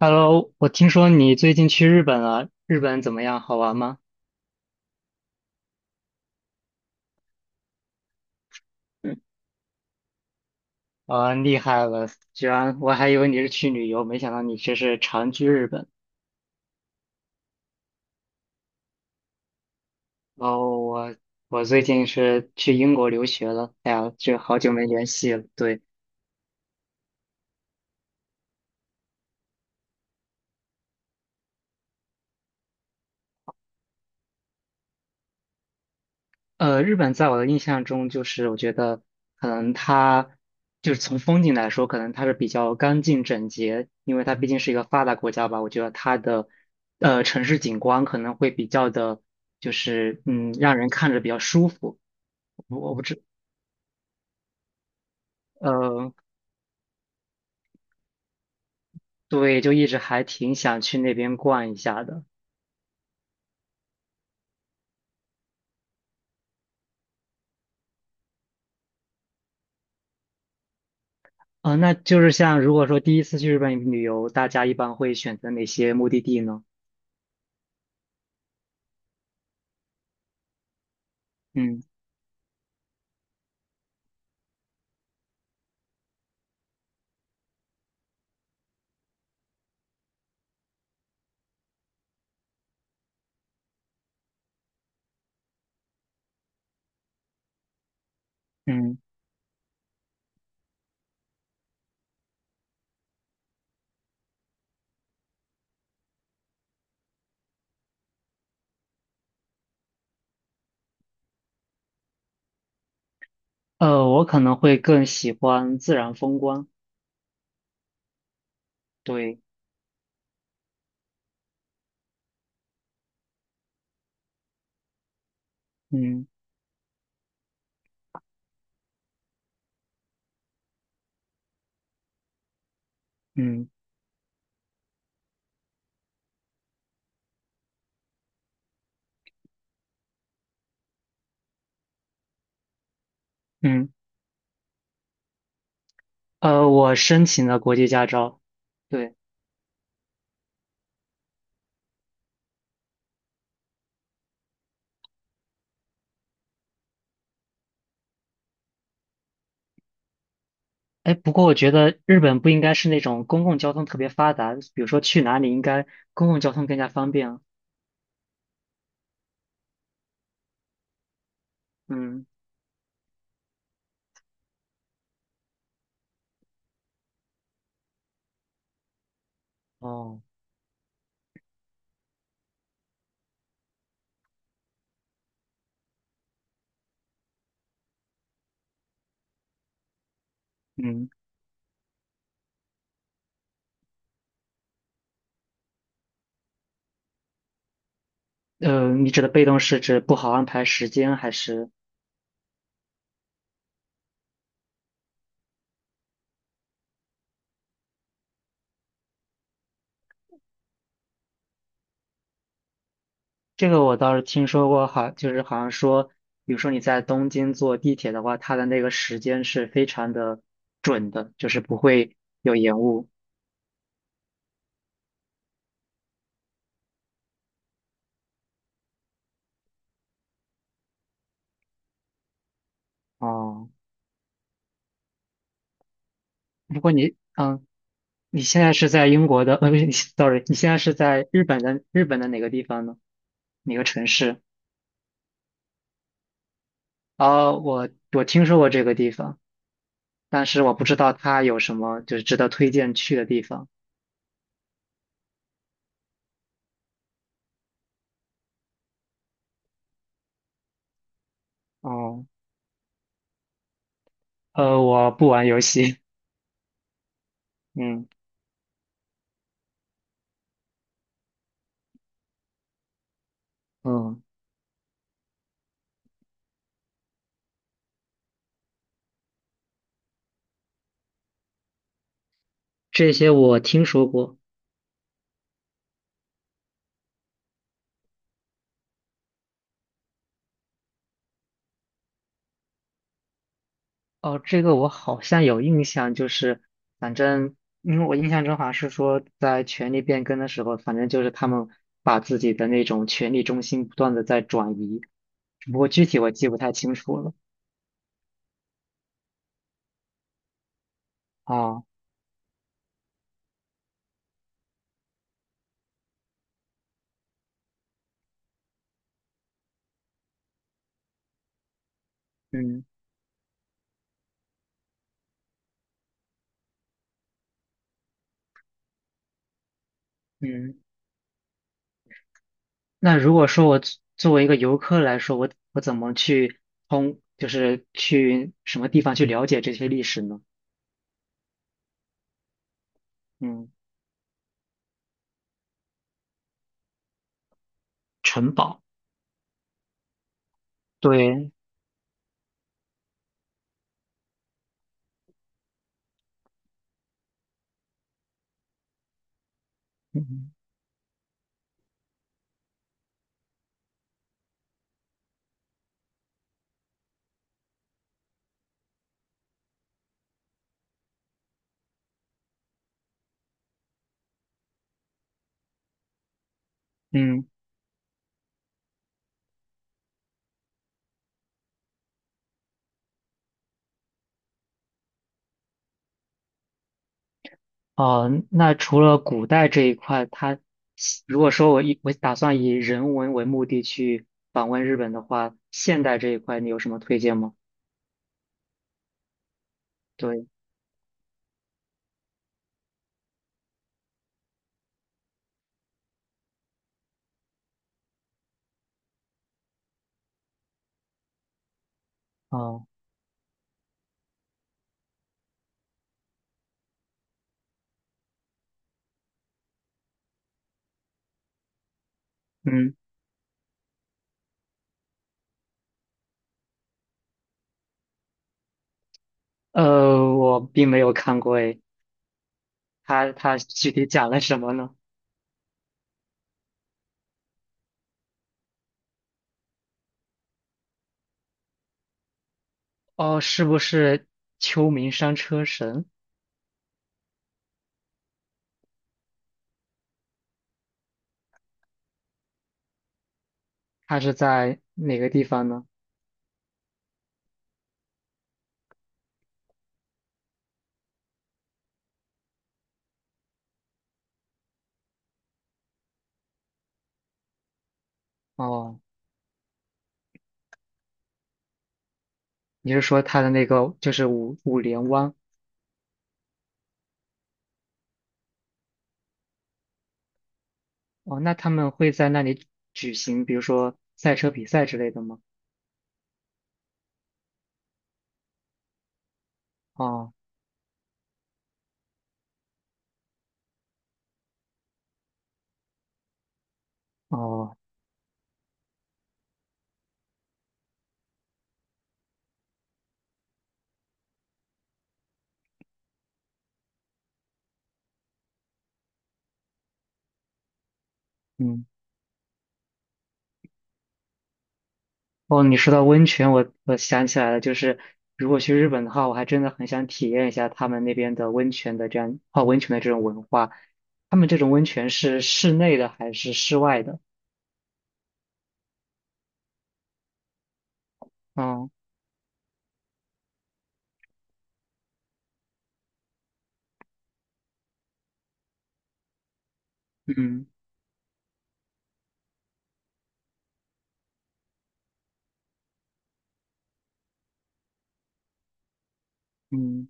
Hello，我听说你最近去日本了，日本怎么样？好玩吗？嗯，啊，厉害了！居然我还以为你是去旅游，没想到你这是长居日本。然后我最近是去英国留学了，哎呀，这好久没联系了。对。日本在我的印象中，就是我觉得可能它就是从风景来说，可能它是比较干净整洁，因为它毕竟是一个发达国家吧。我觉得它的城市景观可能会比较的，就是嗯，让人看着比较舒服。我我不知呃，对，就一直还挺想去那边逛一下的。那就是像如果说第一次去日本旅游，大家一般会选择哪些目的地呢？嗯。嗯，我可能会更喜欢自然风光。对，嗯。嗯。嗯，我申请了国际驾照。对。哎，不过我觉得日本不应该是那种公共交通特别发达，比如说去哪里应该公共交通更加方便。嗯。哦，嗯，你指的被动是指不好安排时间，还是这个我倒是听说过，好，就是好像说，比如说你在东京坐地铁的话，它的那个时间是非常的准的，就是不会有延误。哦，如果你，嗯。你现在是在英国的，不是 sorry 你现在是在日本的日本的哪个地方呢？哪个城市？哦，我我听说过这个地方，但是我不知道它有什么就是值得推荐去的地方。哦，我不玩游戏，嗯。嗯，这些我听说过。哦，这个我好像有印象，就是反正因为我印象中好像是说，在权力变更的时候，反正就是他们把自己的那种权力中心不断的在转移，只不过具体我记不太清楚了。啊，嗯。嗯，那如果说我作为一个游客来说，我怎么去就是去什么地方去了解这些历史呢？嗯，城堡，对，嗯。嗯。哦，那除了古代这一块，它如果说我打算以人文为目的去访问日本的话，现代这一块你有什么推荐吗？对，哦，嗯，我并没有看过诶，它具体讲了什么呢？哦，是不是秋名山车神？它是在哪个地方呢？哦，你是说它的那个就是五连湾？哦，那他们会在那里举行，比如说赛车比赛之类的吗？哦。哦。嗯。哦，你说到温泉，我想起来了，就是如果去日本的话，我还真的很想体验一下他们那边的温泉的这样泡温泉的这种文化。他们这种温泉是室内的还是室外的？嗯。嗯。嗯。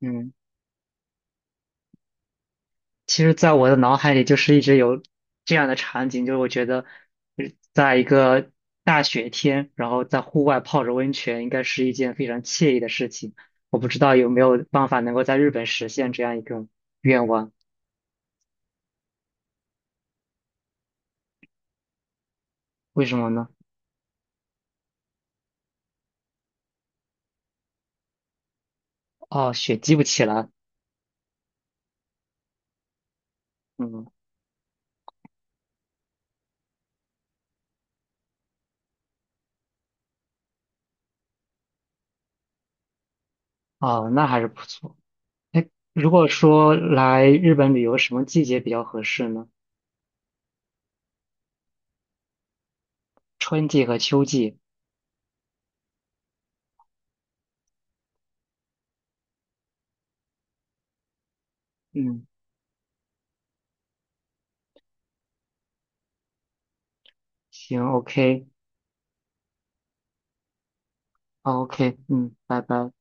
嗯，其实，在我的脑海里就是一直有这样的场景，就是我觉得呃在一个大雪天，然后在户外泡着温泉，应该是一件非常惬意的事情。我不知道有没有办法能够在日本实现这样一个愿望。为什么呢？哦，雪积不起来。嗯，哦，那还是不错。如果说来日本旅游，什么季节比较合适呢？春季和秋季。嗯，行，OK，OK，嗯，拜拜。